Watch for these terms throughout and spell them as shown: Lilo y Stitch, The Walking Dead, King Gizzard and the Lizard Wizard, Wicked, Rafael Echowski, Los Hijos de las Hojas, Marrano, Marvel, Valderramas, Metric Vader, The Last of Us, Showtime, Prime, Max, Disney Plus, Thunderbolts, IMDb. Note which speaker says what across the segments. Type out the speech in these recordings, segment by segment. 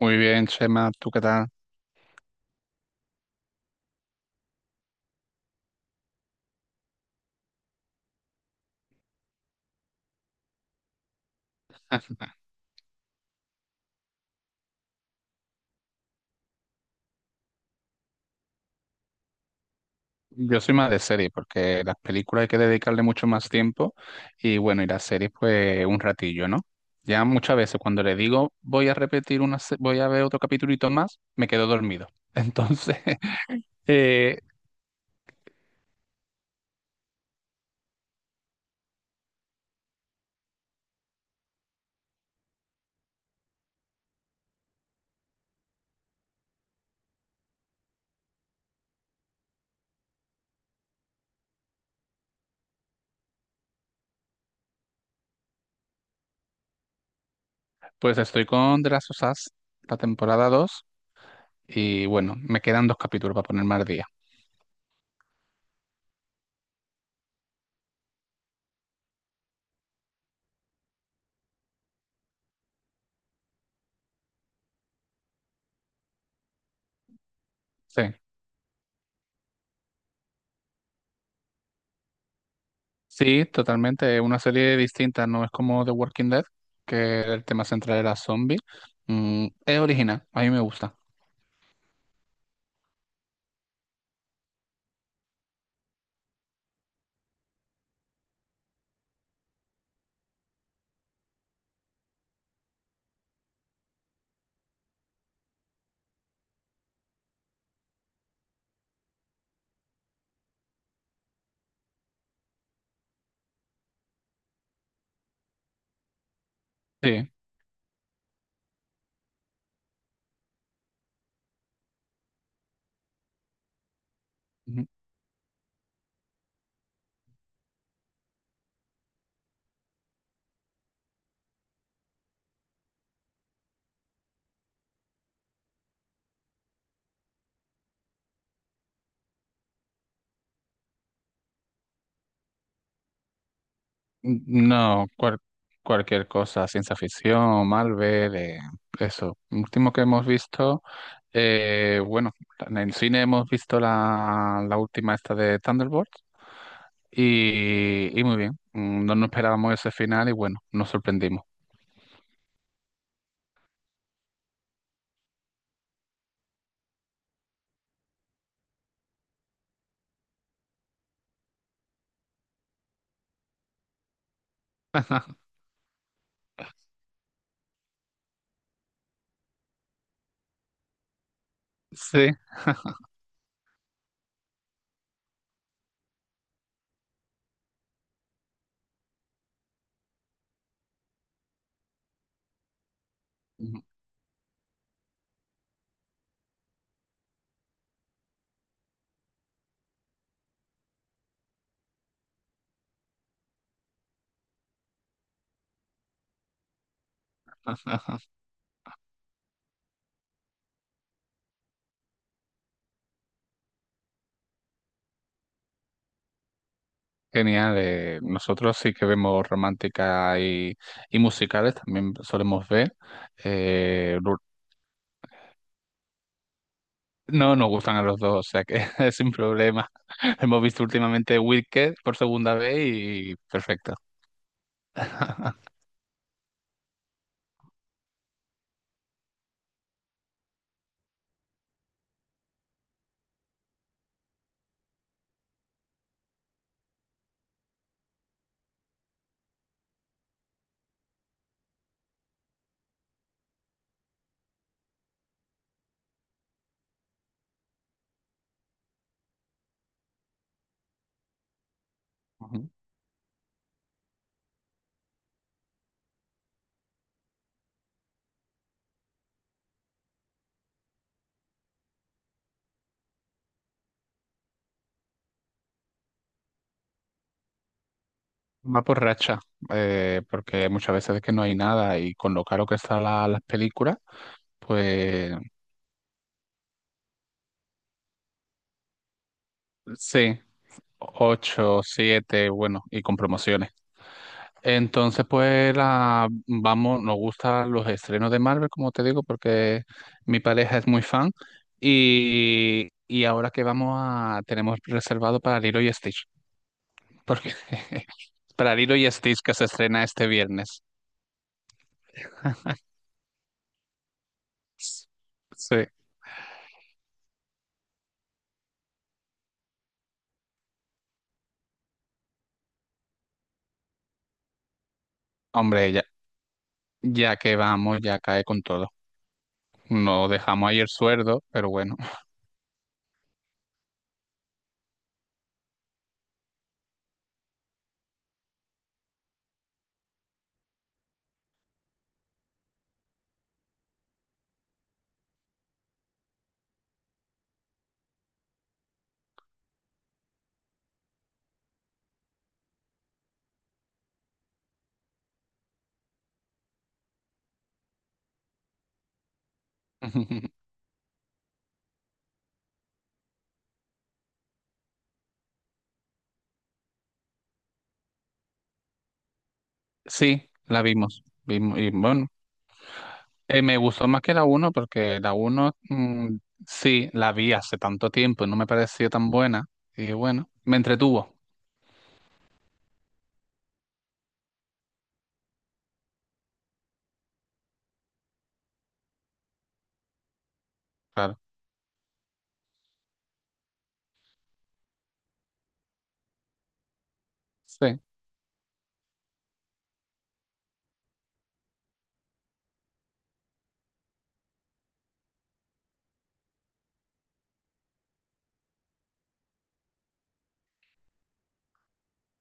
Speaker 1: Muy bien, Chema, ¿tú qué tal? Yo soy más de serie porque las películas hay que dedicarle mucho más tiempo y bueno, y las series pues un ratillo, ¿no? Ya muchas veces cuando le digo voy a repetir una, voy a ver otro capitulito más, me quedo dormido. Entonces, eh, pues estoy con The Last of Us, la temporada 2 y bueno, me quedan dos capítulos para ponerme al día. Sí. Sí, totalmente. Es una serie distinta, no es como The Walking Dead, que el tema central era zombie. Es original, a mí me gusta. Sí. Ujú. No, cualquier cosa, ciencia ficción, Marvel, eso. Último que hemos visto. Bueno, en el cine hemos visto la última esta de Thunderbolts y, muy bien. No nos esperábamos ese final y bueno, nos sorprendimos. Sí. Ujú. Genial. Nosotros sí que vemos romántica y, musicales, también solemos ver. eh, lu- no nos gustan a los dos, o sea que sin problema. Hemos visto últimamente Wicked por segunda vez y perfecto. Va por racha, porque muchas veces es que no hay nada y con lo caro que están las películas, pues sí, 8, 7, bueno, y con promociones. Entonces, pues vamos, nos gustan los estrenos de Marvel, como te digo, porque mi pareja es muy fan y, ahora que tenemos reservado para Lilo y Stitch, porque para Lilo y Stitch que se estrena este viernes. Sí, hombre, ya. Ya que vamos, ya cae con todo. No dejamos ahí el sueldo, pero bueno. Sí, la vimos. Vimos y bueno, me gustó más que la uno porque la uno sí, la vi hace tanto tiempo y no me pareció tan buena. Y bueno, me entretuvo, claro. Sí,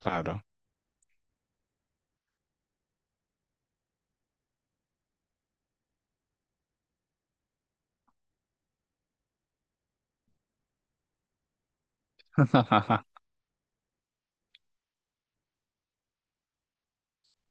Speaker 1: claro.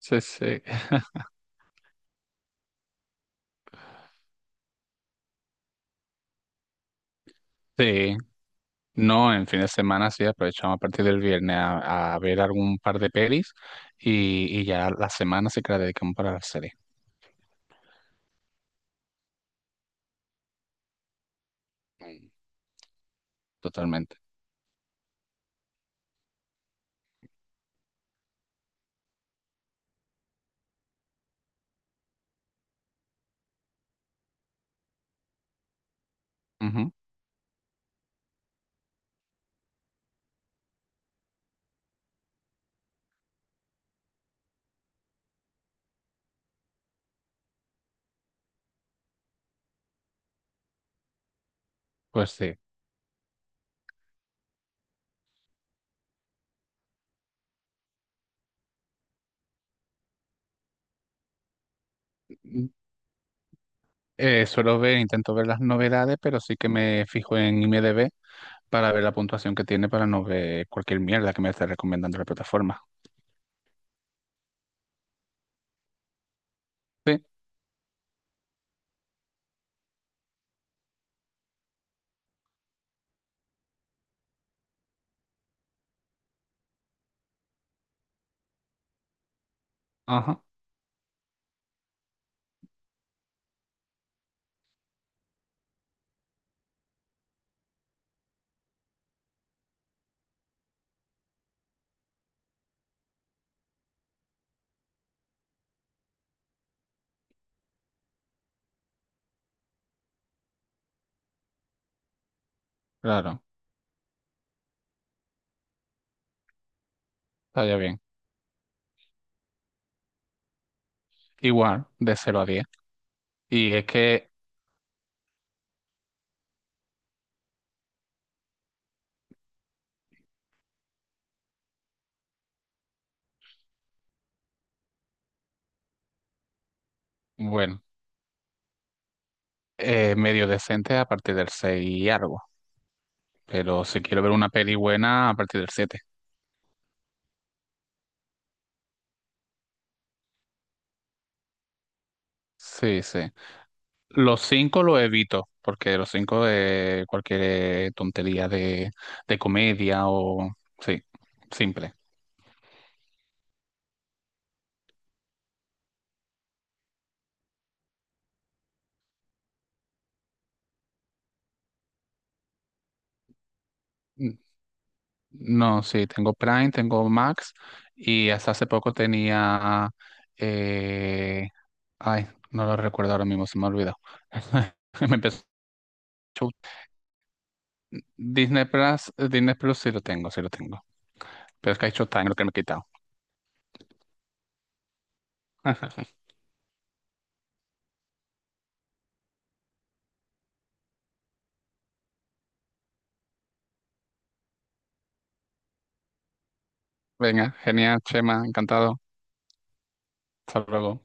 Speaker 1: Sí, sí. Sí. No, en fin de semana sí aprovechamos a partir del viernes a ver algún par de pelis y, ya la semana sí que la dedicamos para la serie. Mm, totalmente. Ujú, pues sí. Mm, Suelo ver, intento ver las novedades, pero sí que me fijo en IMDb para ver la puntuación que tiene para no ver cualquier mierda que me esté recomendando la plataforma. Sí, ajá, claro, estaría bien. Igual, de 0 a 10. Y es que, bueno, medio decente a partir del 6 y algo. Pero si quiero ver una peli buena, a partir del siete. Sí, sí. Los 5 lo evito, porque los 5 de cualquier tontería de, comedia o. Sí, simple. N- No, sí, tengo Prime, tengo Max y hasta hace poco tenía. eh, Ay, no lo recuerdo ahora mismo, se me olvidó. Me empezó. Disney Plus, Disney Plus sí lo tengo, sí lo tengo. Pero es que hay Showtime, lo que me he quitado. Venga, genial, Chema, encantado. Hasta luego.